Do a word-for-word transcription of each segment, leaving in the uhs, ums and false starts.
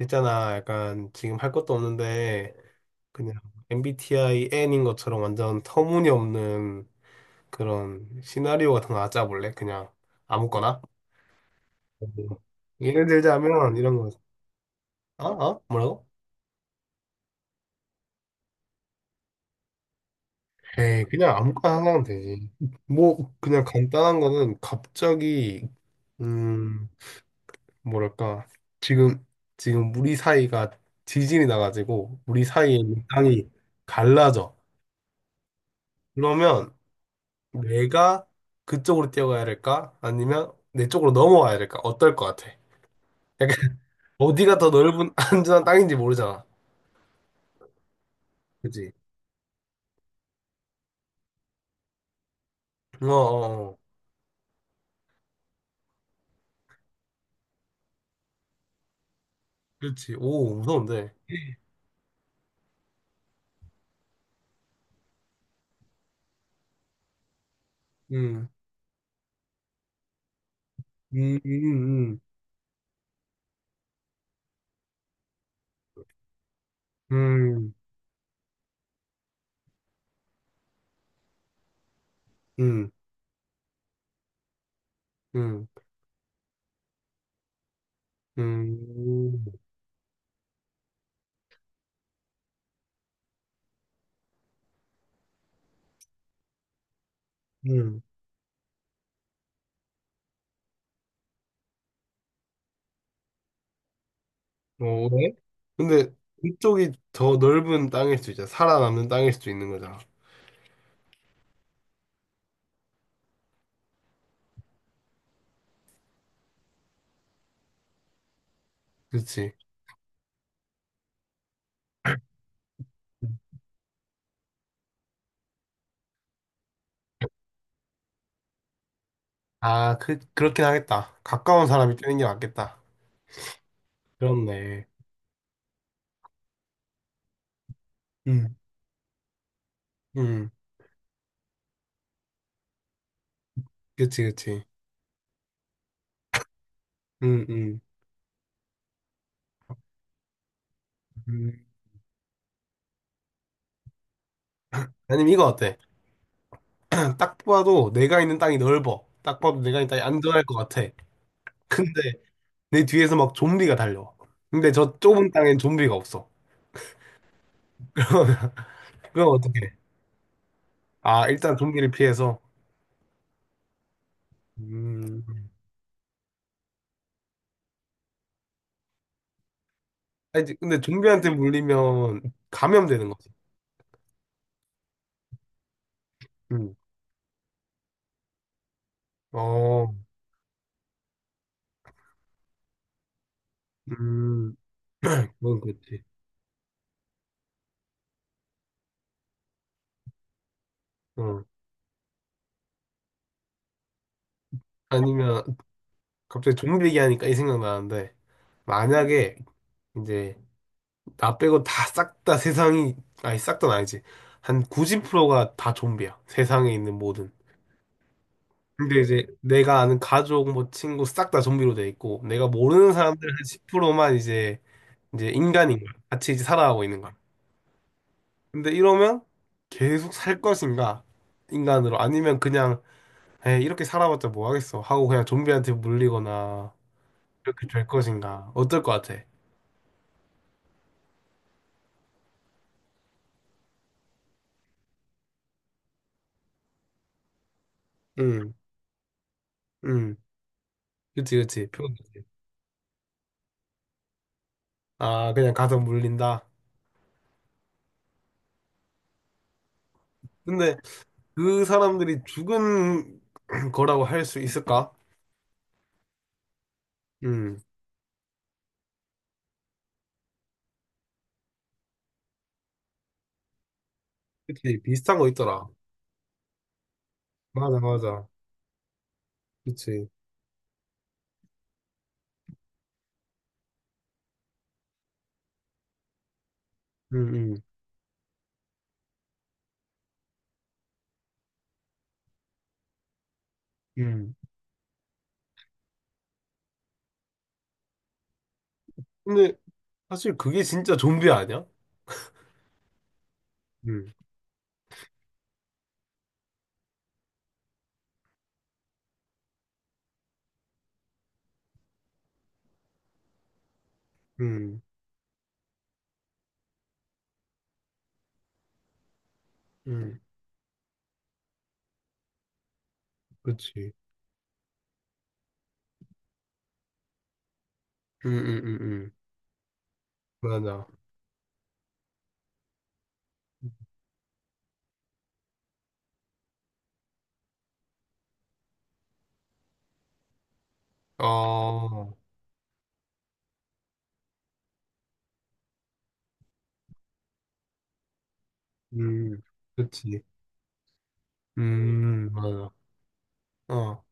있잖아, 약간 지금 할 것도 없는데 그냥 엠비티아이 N인 것처럼 완전 터무니없는 그런 시나리오 같은 거 하나 짜볼래? 그냥 아무거나? 음. 예를 들자면 이런 거. 아? 아? 뭐라고? 에이, 그냥 아무거나 하나 하면 되지. 뭐 그냥 간단한 거는 갑자기 음 뭐랄까 지금 지금 우리 사이가 지진이 나가지고 우리 사이에 있는 땅이 갈라져. 그러면 내가 그쪽으로 뛰어가야 될까? 아니면 내 쪽으로 넘어와야 될까? 어떨 것 같아? 약간 어디가 더 넓은 안전한 땅인지 모르잖아. 그치? 어, 어, 어. 그렇지. 오, 무서운데. 음, 음, 음, 음, 음, 음, 음, 음, 음. 어, 왜? 근데 그쪽이 더 넓은 땅일 수 있잖아. 살아남는 땅일 수도 있는 거잖아. 그치? 아, 그, 그렇긴 하겠다. 가까운 사람이 뛰는 게 맞겠다. 그렇네. 음, 음. 그치, 그치. 음, 음. 음. 아니면 이거 어때? 딱 봐도 내가 있는 땅이 넓어. 딱 봐도 내가 있는 땅이 안전할 것 같아. 근데 내 뒤에서 막 좀비가 달려. 근데 저 좁은 땅엔 좀비가 없어. 그럼 어떻게? 아, 일단 좀비를 피해서. 음. 아니, 근데 좀비한테 물리면 감염되는 거지. 음. 어, 음, 그건 그렇지. 어. 아니면 갑자기 좀비 얘기하니까 이 생각나는데, 만약에 이제 나 빼고 다 싹 다 세상이, 아니 싹 다는 아니지, 한 구십 퍼센트가 다 좀비야. 세상에 있는 모든, 근데 이제 내가 아는 가족 뭐 친구 싹 다 좀비로 돼 있고 내가 모르는 사람들 한 십 퍼센트만 이제 이제 인간인 거야. 같이 이제 살아가고 있는 거야. 근데 이러면 계속 살 것인가, 인간으로. 아니면 그냥, 에 이렇게 살아봤자 뭐 하겠어 하고 그냥 좀비한테 물리거나 이렇게 될 것인가. 어떨 것 같아? 응. 응. 그치, 그치. 표현. 아, 그냥 가서 물린다. 근데 그 사람들이 죽은 거라고 할 수 있을까? 음, 그치. 비슷한 거 있더라. 맞아, 맞아. 그치. 음, 음, 음. 근데 사실 그게 진짜 좀비 아니야? 음, 음, 음. 그치. 음, 음, 음, 음. 맞아. 아. 음, 그치. 음, 맞아. 어,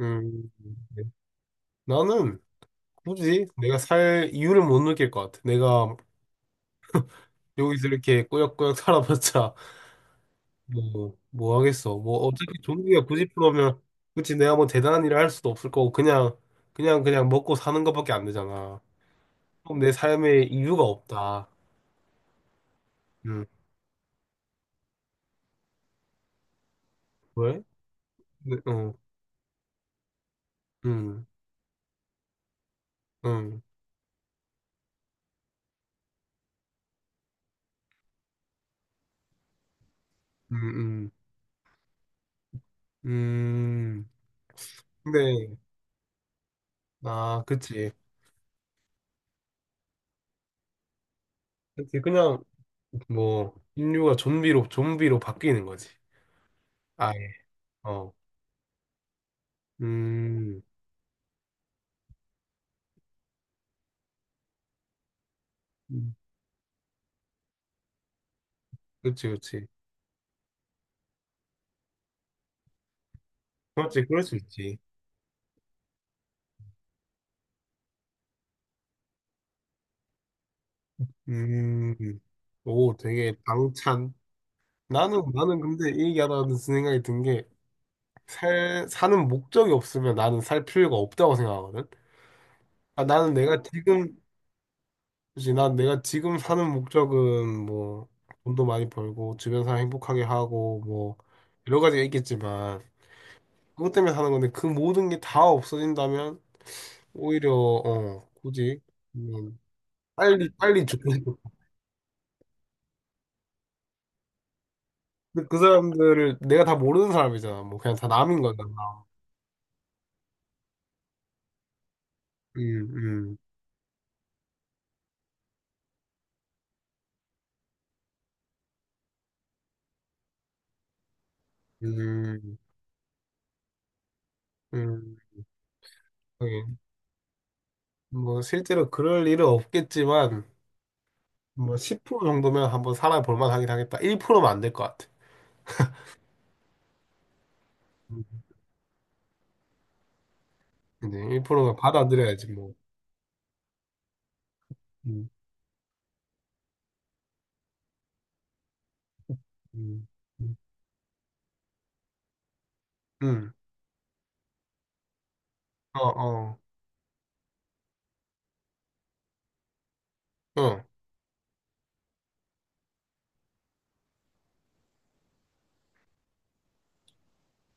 음. 나는 굳이 내가 살 이유를 못 느낄 것 같아. 내가 여기서 이렇게 꾸역꾸역 살아봤자 뭐, 뭐 하겠어. 뭐, 어차피 좀비기가 구십 퍼센트면, 그치, 내가 뭐 대단한 일을 할 수도 없을 거고, 그냥, 그냥, 그냥 먹고 사는 것밖에 안 되잖아. 그럼 내 삶에 이유가 없다. 음, 왜? 네, 어, 음, 음, 음, 음, 음. 근데, 아, 그치. 그치, 그냥, 뭐, 인류가 좀비로, 좀비로 바뀌는 거지. 아예, 어, 음, 음. 그치, 그치. 그지, 그럴 수 있지. 음, 오, 되게 방찬. 나는, 나는 근데 이 얘기하다가 든 생각이 든 게, 살, 사는 목적이 없으면 나는 살 필요가 없다고 생각하거든? 아, 나는 내가 어, 지금, 그치, 난 내가 지금 사는 목적은 뭐, 돈도 많이 벌고, 주변 사람 행복하게 하고, 뭐, 여러 가지가 있겠지만, 그것 때문에 사는 건데, 그 모든 게 다 없어진다면, 오히려, 어, 굳이, 음, 빨리, 빨리 죽고 싶어. 근데 그 사람들을 내가 다 모르는 사람이잖아. 뭐, 그냥 다 남인 거잖아. 음, 음, 음, 음. 뭐 실제로 그럴 일은 없겠지만 뭐 십 퍼센트 정도면 한번 살아볼 만하긴 하겠다. 일 퍼센트면 안 될 것 같아. 음. 근데 일 퍼센트면 받아들여야지 뭐. 음, 음, 음, 음. 어, 어, 어,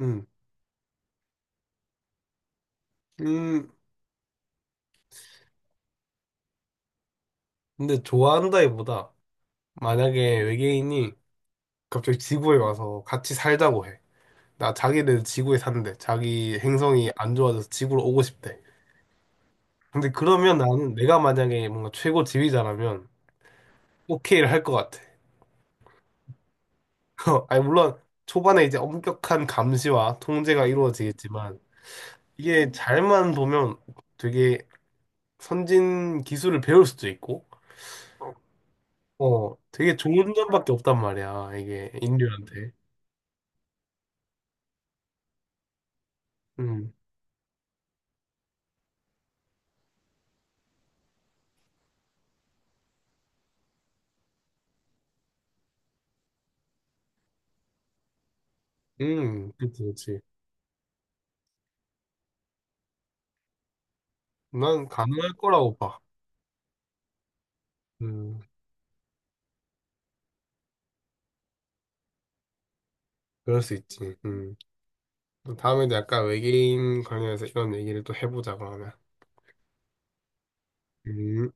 음, 음. 근데 좋아한다기보다 만약에 외계인이 갑자기 지구에 와서 같이 살자고 해. 나 자기네 지구에 산대. 자기 행성이 안 좋아져서 지구로 오고 싶대. 근데 그러면 나는 내가 만약에 뭔가 최고 지휘자라면 오케이를 할 것 같아. 아니, 물론 초반에 이제 엄격한 감시와 통제가 이루어지겠지만 이게 잘만 보면 되게 선진 기술을 배울 수도 있고 어 되게 좋은 점밖에 없단 말이야. 이게 인류한테. 음, 음. 그치, 그치. 난 가능할 거라고 봐. 음, 그럴 수 있지. 음. 또 다음에도 약간 외계인 관련해서 이런 얘기를 또 해보자 그러면. 음.